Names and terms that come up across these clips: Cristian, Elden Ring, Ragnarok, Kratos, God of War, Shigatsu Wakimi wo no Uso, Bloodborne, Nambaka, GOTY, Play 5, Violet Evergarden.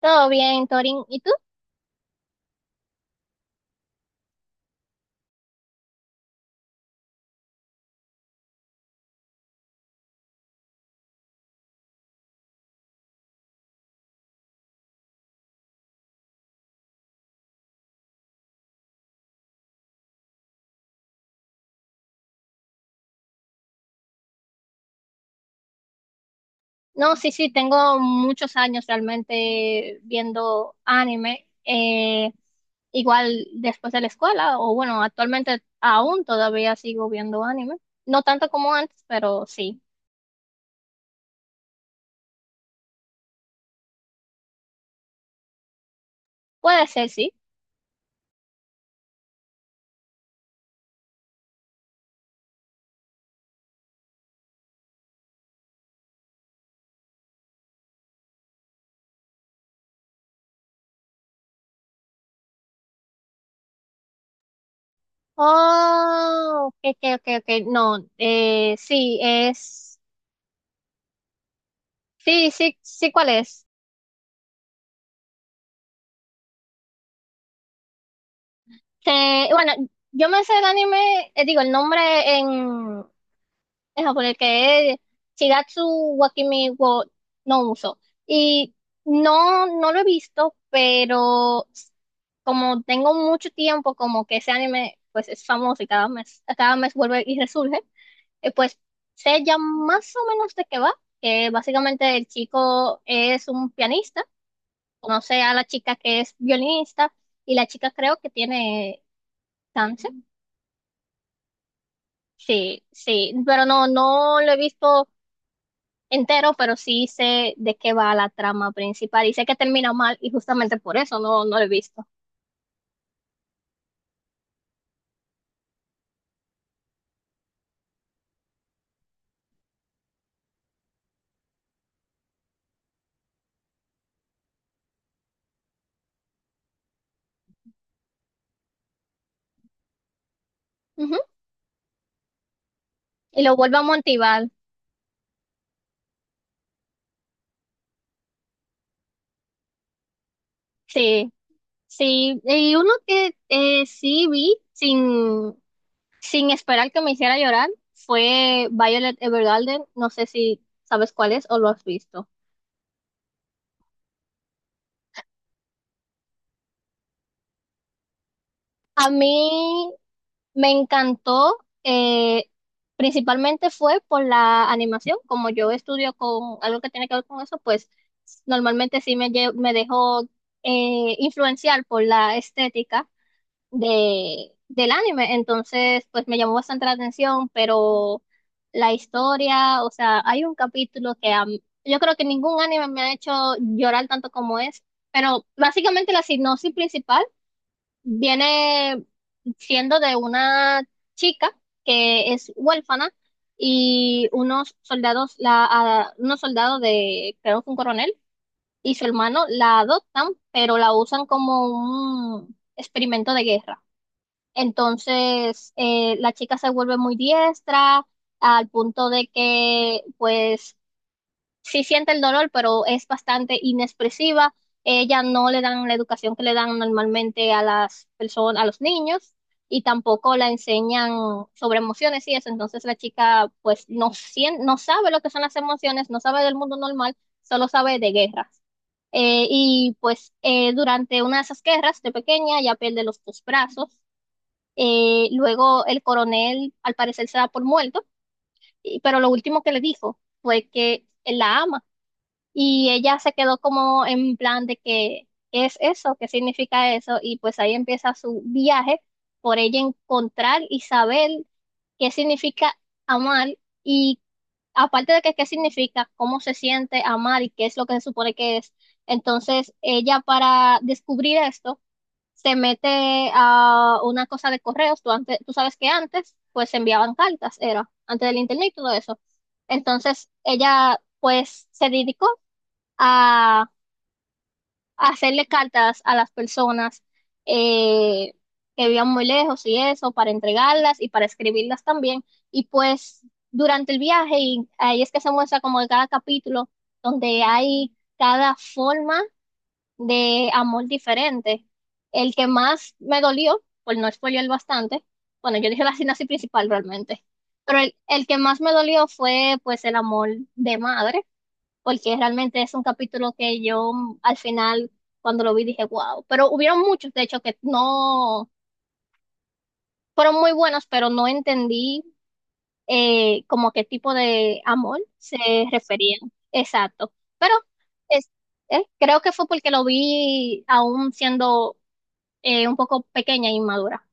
Todo bien, Torin. ¿Y tú? No, sí, sí, tengo muchos años realmente viendo anime. Igual después de la escuela, o bueno, actualmente aún todavía sigo viendo anime. No tanto como antes, pero sí. Puede ser, sí. Oh, ok, ok, ok, ok. No, sí, es. Sí, sí, sí, ¿cuál es? Que, bueno, yo me sé el anime, digo, el nombre en, en japonés, que es Shigatsu Wakimi wo no Uso. Y no, no lo he visto, pero como tengo mucho tiempo, como que ese anime pues es famoso y cada mes vuelve y resurge. Pues sé ya más o menos de qué va, que básicamente el chico es un pianista, conoce a la chica que es violinista y la chica creo que tiene cáncer. Sí, sí, pero no, no lo he visto entero, pero sí sé de qué va la trama principal y sé que termina mal y justamente por eso no, no lo he visto. Ujú. Y lo vuelvo a motivar, sí, sí. Y uno que sí vi sin esperar que me hiciera llorar fue Violet Evergarden, no sé si sabes cuál es o lo has visto. A mí me encantó. eh, Principalmente fue por la animación, como yo estudio con algo que tiene que ver con eso, pues normalmente sí me dejo influenciar por la estética del anime, entonces pues me llamó bastante la atención, pero la historia, o sea, hay un capítulo que yo creo que ningún anime me ha hecho llorar tanto como es, pero básicamente la sinopsis principal viene siendo de una chica que es huérfana y unos soldados, unos soldados de, creo que un coronel y su hermano la adoptan, pero la usan como un experimento de guerra. Entonces, la chica se vuelve muy diestra al punto de que, pues, sí siente el dolor, pero es bastante inexpresiva. Ella no le dan la educación que le dan normalmente a las personas, a los niños, y tampoco la enseñan sobre emociones y eso. Entonces la chica pues no sabe lo que son las emociones, no sabe del mundo normal, solo sabe de guerras. Durante una de esas guerras de pequeña ya pierde los dos brazos. Luego el coronel al parecer se da por muerto, pero lo último que le dijo fue que él la ama y ella se quedó como en plan de que, ¿qué es eso? ¿Qué significa eso? Y pues ahí empieza su viaje por ella encontrar y saber qué significa amar y aparte de que qué significa, cómo se siente amar y qué es lo que se supone que es. Entonces ella para descubrir esto se mete a una cosa de correos. Tú, antes, tú sabes que antes pues se enviaban cartas, era antes del internet y todo eso. Entonces ella pues se dedicó a a hacerle cartas a las personas eh, que vivían muy lejos y eso, para entregarlas y para escribirlas también. Y pues durante el viaje, y ahí es que se muestra como que cada capítulo, donde hay cada forma de amor diferente. El que más me dolió, por no spoilear bastante, bueno, yo dije la sinopsis principal realmente, pero el que más me dolió fue pues el amor de madre porque realmente es un capítulo que yo al final, cuando lo vi, dije, wow. Pero hubieron muchos, de hecho, que no fueron muy buenos, pero no entendí como qué tipo de amor se referían. Exacto. Pero es, creo que fue porque lo vi aún siendo un poco pequeña e inmadura.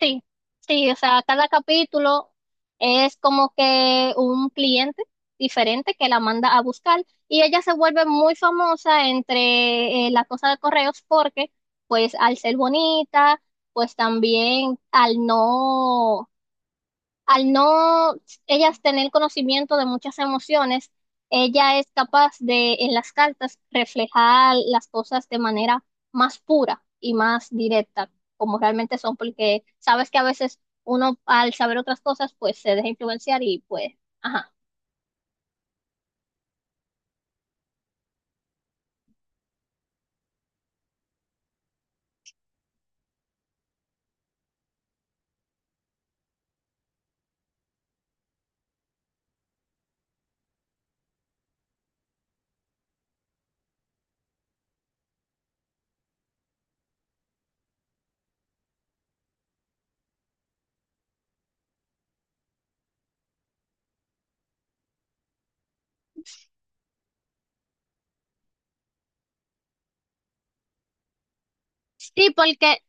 Sí, sí, o sea, cada capítulo es como que un cliente diferente que la manda a buscar y ella se vuelve muy famosa entre la cosa de correos porque pues al ser bonita, pues también al no ellas tener conocimiento de muchas emociones, ella es capaz de en las cartas reflejar las cosas de manera más pura y más directa, como realmente son, porque sabes que a veces uno al saber otras cosas, pues se deja influenciar y pues, ajá. Sí, porque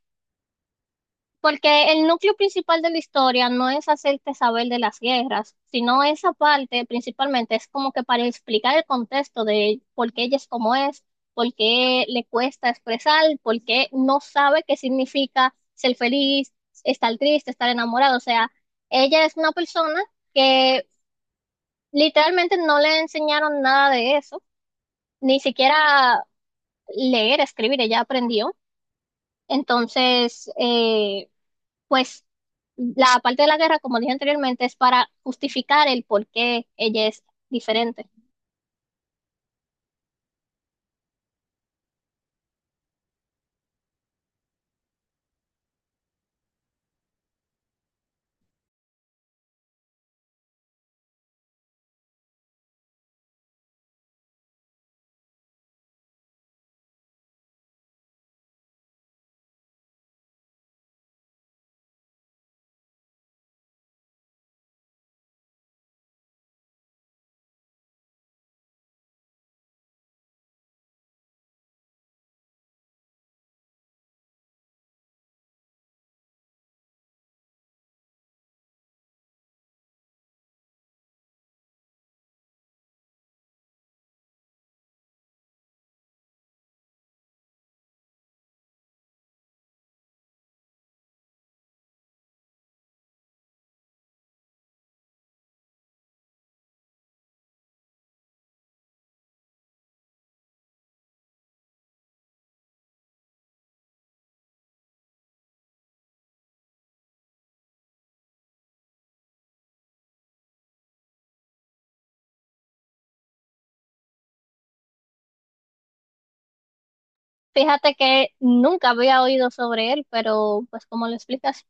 El núcleo principal de la historia no es hacerte saber de las guerras, sino esa parte principalmente es como que para explicar el contexto de por qué ella es como es, por qué le cuesta expresar, por qué no sabe qué significa ser feliz, estar triste, estar enamorado. O sea, ella es una persona que literalmente no le enseñaron nada de eso, ni siquiera leer, escribir, ella aprendió. Entonces, pues la parte de la guerra, como dije anteriormente, es para justificar el por qué ella es diferente. Fíjate que nunca había oído sobre él, pero pues como lo explicas,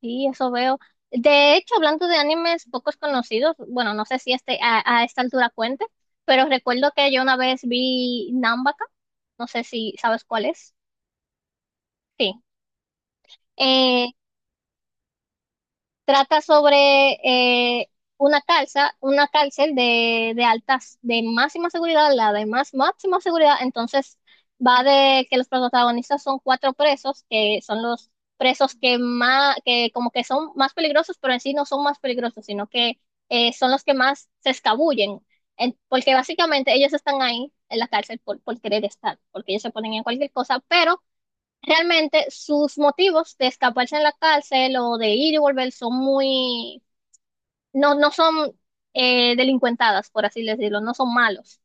sí, eso veo. De hecho, hablando de animes pocos conocidos, bueno, no sé si este a esta altura cuente, pero recuerdo que yo una vez vi Nambaka, no sé si sabes cuál es. Sí. Eh, Trata sobre eh, una una cárcel de altas, de máxima seguridad, la de más máxima seguridad. Entonces, va de que los protagonistas son cuatro presos, que son los presos que más, que como que son más peligrosos, pero en sí no son más peligrosos, sino que son los que más se escabullen. Porque básicamente ellos están ahí en la cárcel por querer estar, porque ellos se ponen en cualquier cosa, pero realmente sus motivos de escaparse en la cárcel o de ir y volver son muy, no, no son delincuentadas, por así decirlo, no son malos,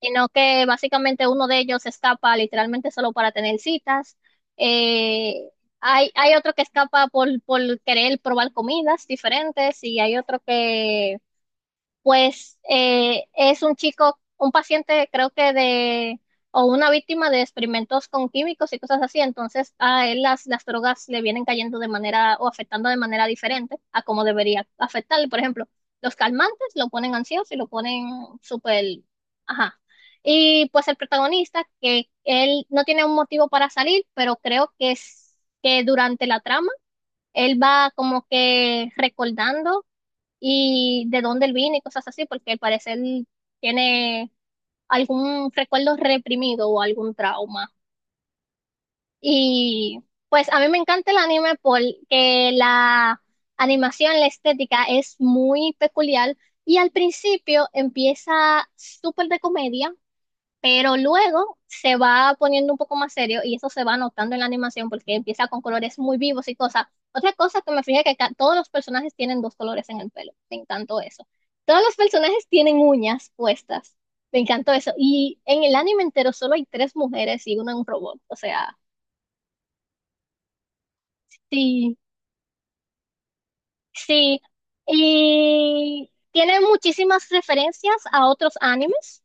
sino que básicamente uno de ellos escapa literalmente solo para tener citas. Eh, Hay, hay otro que escapa por querer probar comidas diferentes y hay otro que pues es un chico, un paciente creo que de, o una víctima de experimentos con químicos y cosas así, entonces a él las drogas le vienen cayendo de manera o afectando de manera diferente a como debería afectarle. Por ejemplo, los calmantes lo ponen ansioso y lo ponen súper, ajá. Y pues el protagonista, que él no tiene un motivo para salir, pero creo que es que durante la trama, él va como que recordando y de dónde él viene y cosas así, porque al parecer tiene algún recuerdo reprimido o algún trauma. Y pues a mí me encanta el anime porque la animación, la estética es muy peculiar y al principio empieza súper de comedia, pero luego se va poniendo un poco más serio y eso se va notando en la animación porque empieza con colores muy vivos y cosas. Otra cosa que me fijé que todos los personajes tienen dos colores en el pelo. Me encantó eso. Todos los personajes tienen uñas puestas. Me encantó eso. Y en el anime entero solo hay tres mujeres y una en un robot. O sea, sí, sí. Y tiene muchísimas referencias a otros animes.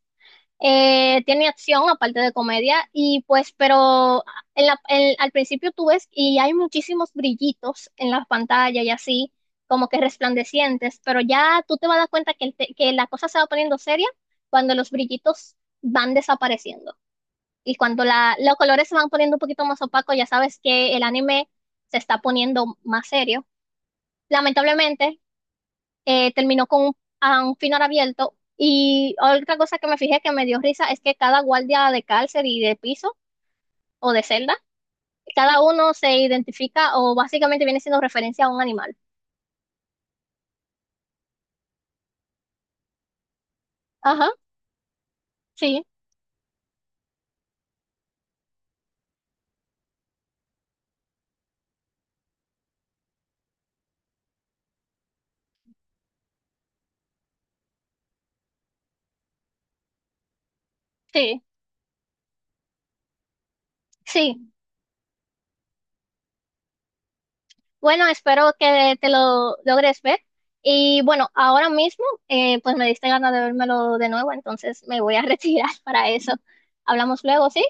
Tiene acción aparte de comedia y pues, pero al principio tú ves y hay muchísimos brillitos en la pantalla y así, como que resplandecientes, pero ya tú te vas a dar cuenta que, que la cosa se va poniendo seria cuando los brillitos van desapareciendo y cuando los colores se van poniendo un poquito más opacos, ya sabes que el anime se está poniendo más serio. Lamentablemente, terminó con a un final abierto. Y otra cosa que me fijé que me dio risa es que cada guardia de cárcel y de piso o de celda, cada uno se identifica o básicamente viene siendo referencia a un animal. Ajá, sí, sí, sí. Bueno, espero que te lo logres ver. Y bueno, ahora mismo, pues me diste ganas de vérmelo de nuevo, entonces me voy a retirar para eso. Hablamos luego, ¿sí?